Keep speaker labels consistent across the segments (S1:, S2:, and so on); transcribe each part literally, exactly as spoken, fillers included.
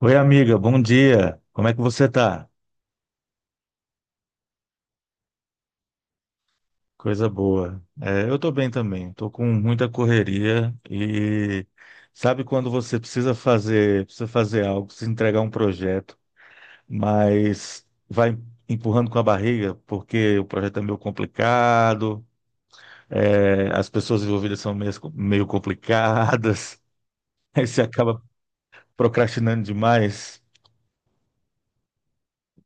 S1: Oi, amiga, bom dia. Como é que você tá? Coisa boa. É, eu tô bem também. Tô com muita correria e sabe quando você precisa fazer, precisa fazer algo, precisa entregar um projeto, mas vai empurrando com a barriga porque o projeto é meio complicado, é, as pessoas envolvidas são meio, meio complicadas, aí você acaba procrastinando demais.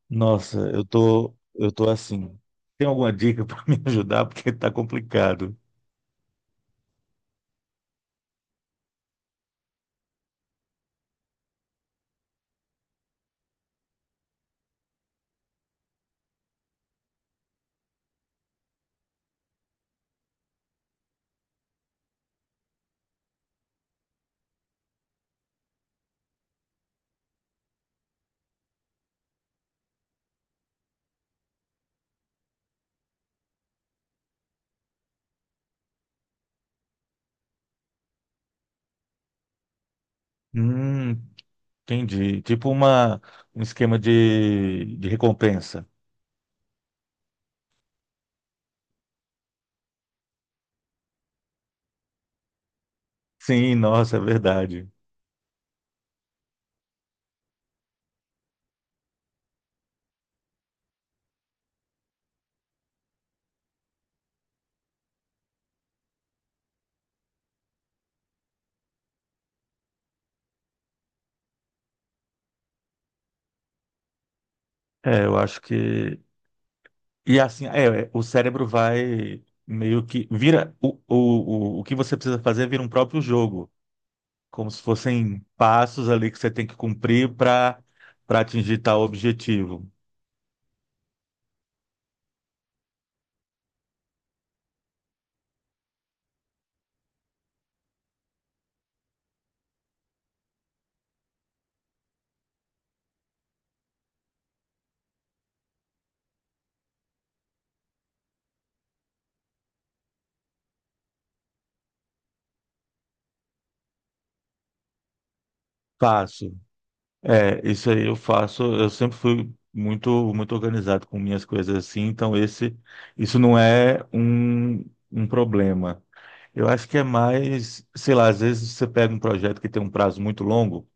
S1: Nossa, eu tô, eu tô assim. Tem alguma dica para me ajudar porque tá complicado? Hum, entendi. Tipo uma, um esquema de, de recompensa. Sim, nossa, é verdade. É, eu acho que. E assim, é, é, o cérebro vai meio que. Vira. O, o, o, o que você precisa fazer vira um próprio jogo. Como se fossem passos ali que você tem que cumprir para para atingir tal objetivo. Passo. É, isso aí eu faço. Eu sempre fui muito muito organizado com minhas coisas assim, então esse isso não é um, um problema. Eu acho que é mais, sei lá, às vezes você pega um projeto que tem um prazo muito longo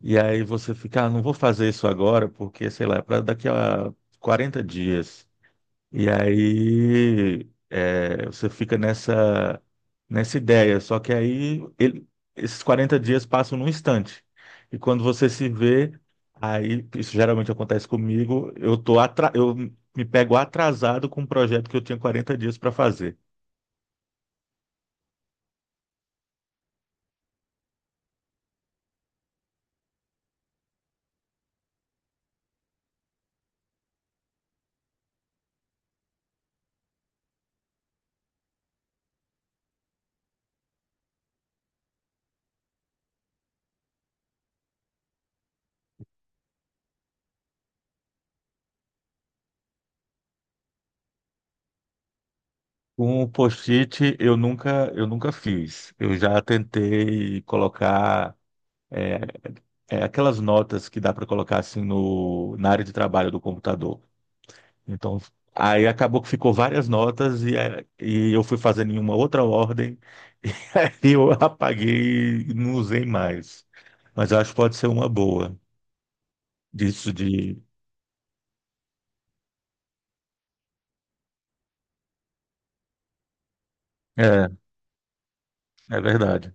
S1: e aí você fica, ah, não vou fazer isso agora porque, sei lá, é para daqui a quarenta dias. E aí é, você fica nessa, nessa ideia, só que aí ele- esses quarenta dias passam num instante. E quando você se vê, aí isso geralmente acontece comigo, eu tô atra- eu me pego atrasado com um projeto que eu tinha quarenta dias para fazer. Com o post-it eu nunca, eu nunca fiz. Eu já tentei colocar é, é, aquelas notas que dá para colocar assim no, na área de trabalho do computador. Então, aí acabou que ficou várias notas e, eh, e eu fui fazendo em uma outra ordem e aí eu apaguei e não usei mais. Mas eu acho que pode ser uma boa disso de... É, é verdade.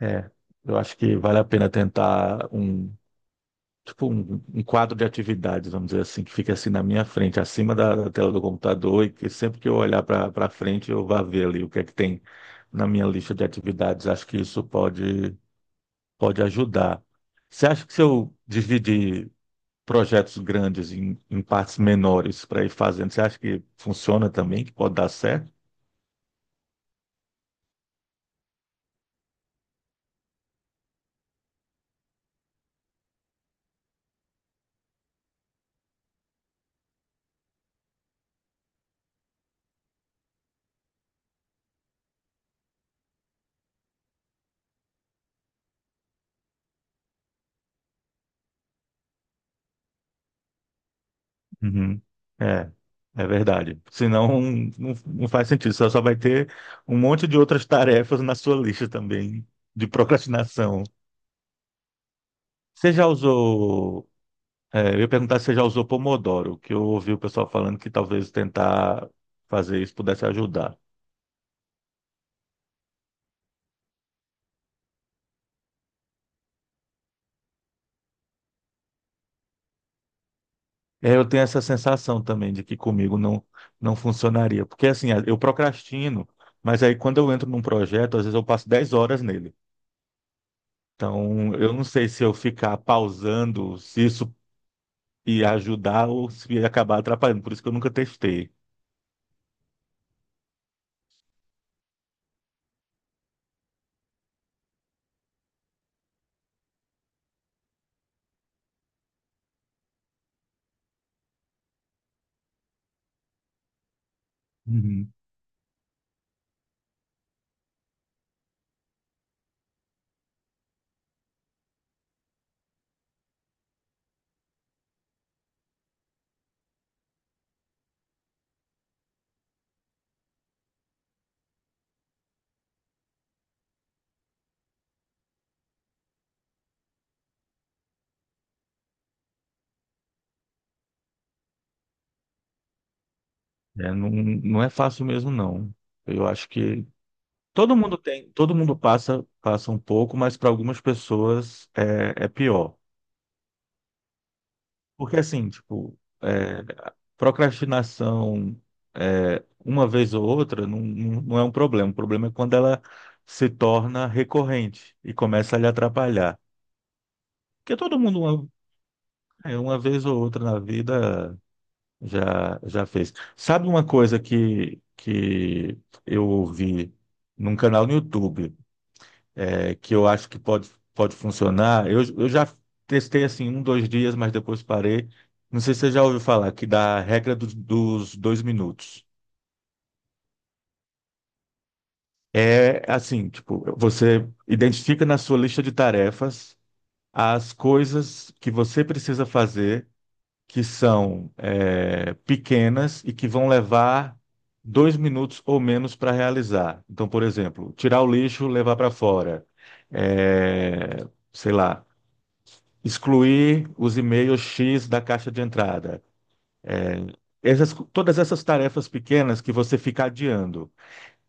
S1: É, eu acho que vale a pena tentar um, tipo um, um quadro de atividades, vamos dizer assim, que fique assim na minha frente, acima da, da tela do computador e que sempre que eu olhar para para frente eu vá ver ali o que é que tem na minha lista de atividades. Acho que isso pode pode ajudar. Você acha que se eu dividir projetos grandes em, em partes menores para ir fazendo, você acha que funciona também, que pode dar certo? Uhum. É, é verdade. Senão não, não faz sentido. Você só vai ter um monte de outras tarefas na sua lista também de procrastinação. Você já usou? É, eu ia perguntar se você já usou Pomodoro, que eu ouvi o pessoal falando que talvez tentar fazer isso pudesse ajudar. É, eu tenho essa sensação também de que comigo não, não funcionaria. Porque assim, eu procrastino, mas aí quando eu entro num projeto, às vezes eu passo dez horas nele. Então, eu não sei se eu ficar pausando, se isso ia ajudar ou se ia acabar atrapalhando. Por isso que eu nunca testei. Uhum. É, não, não é fácil mesmo, não. Eu acho que todo mundo tem, todo mundo passa, passa um pouco, mas para algumas pessoas é, é pior. Porque assim, tipo, é, procrastinação é, uma vez ou outra não, não não é um problema. O problema é quando ela se torna recorrente e começa a lhe atrapalhar. Porque todo mundo, uma, é, uma vez ou outra na vida, já, já fez. Sabe uma coisa que, que eu ouvi num canal no YouTube? É, que eu acho que pode, pode funcionar. Eu, eu já testei assim um, dois dias, mas depois parei. Não sei se você já ouviu falar que da regra dos dos dois minutos. É assim, tipo, você identifica na sua lista de tarefas as coisas que você precisa fazer que são é, pequenas e que vão levar dois minutos ou menos para realizar. Então, por exemplo, tirar o lixo, levar para fora. É, sei lá, excluir os e-mails X da caixa de entrada. Essas- todas essas tarefas pequenas que você fica adiando.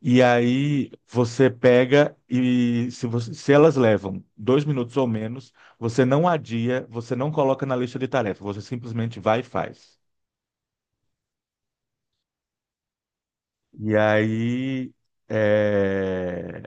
S1: E aí você pega e se, você- se elas levam dois minutos ou menos, você não adia, você não coloca na lista de tarefas, você simplesmente vai e faz. E aí, é,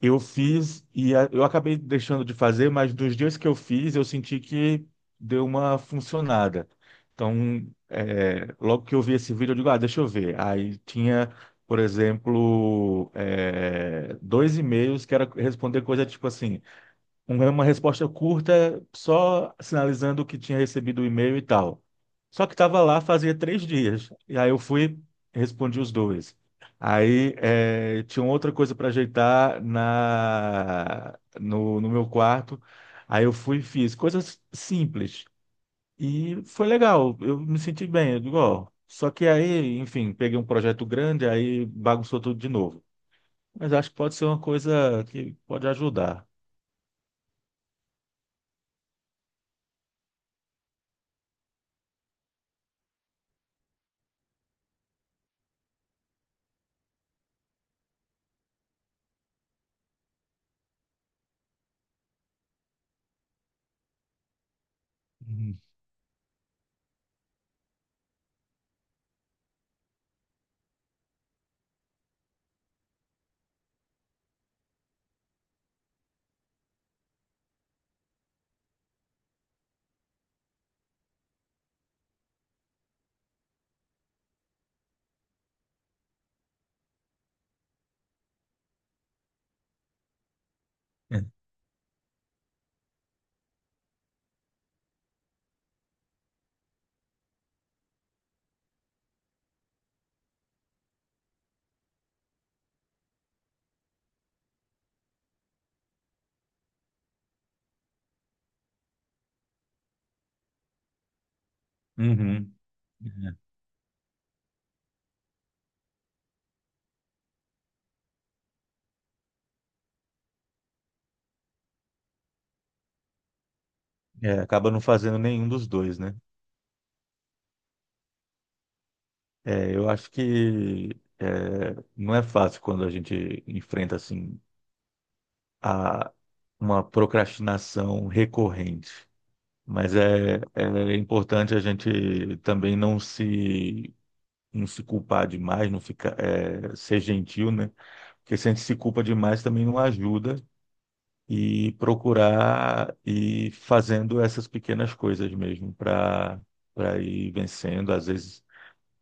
S1: eu fiz e a- eu acabei deixando de fazer, mas dos dias que eu fiz, eu senti que deu uma funcionada. Então, é, logo que eu vi esse vídeo, eu digo, ah, deixa eu ver. Aí tinha, por exemplo, é, dois e-mails que era responder coisa tipo assim, um- uma resposta curta, só sinalizando que tinha recebido o e-mail e tal. Só que estava lá fazia três dias. E aí eu fui, respondi os dois. Aí eh, tinha outra coisa para ajeitar na, no, no meu quarto. Aí eu fui e fiz coisas simples. E foi legal, eu me senti bem. Eu digo, ó, só que aí, enfim, peguei um projeto grande, aí bagunçou tudo de novo. Mas acho que pode ser uma coisa que pode ajudar. Uhum. Uhum. É, acaba não fazendo nenhum dos dois, né? É, eu acho que é, não é fácil quando a gente enfrenta assim a uma procrastinação recorrente, mas é, é importante a gente também não se não se culpar demais, não ficar é, ser gentil, né? Porque se a gente se culpa demais também não ajuda e procurar ir fazendo essas pequenas coisas mesmo para para ir vencendo. Às vezes,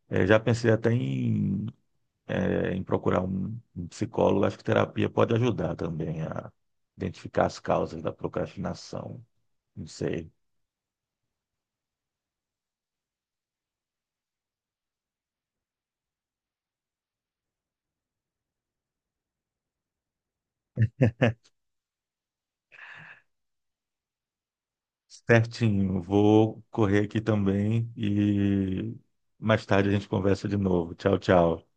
S1: eh, já pensei até em, eh, em procurar um, um psicólogo. Acho que terapia pode ajudar também a identificar as causas da procrastinação. Não sei. Certinho, vou correr aqui também e mais tarde a gente conversa de novo. Tchau, tchau.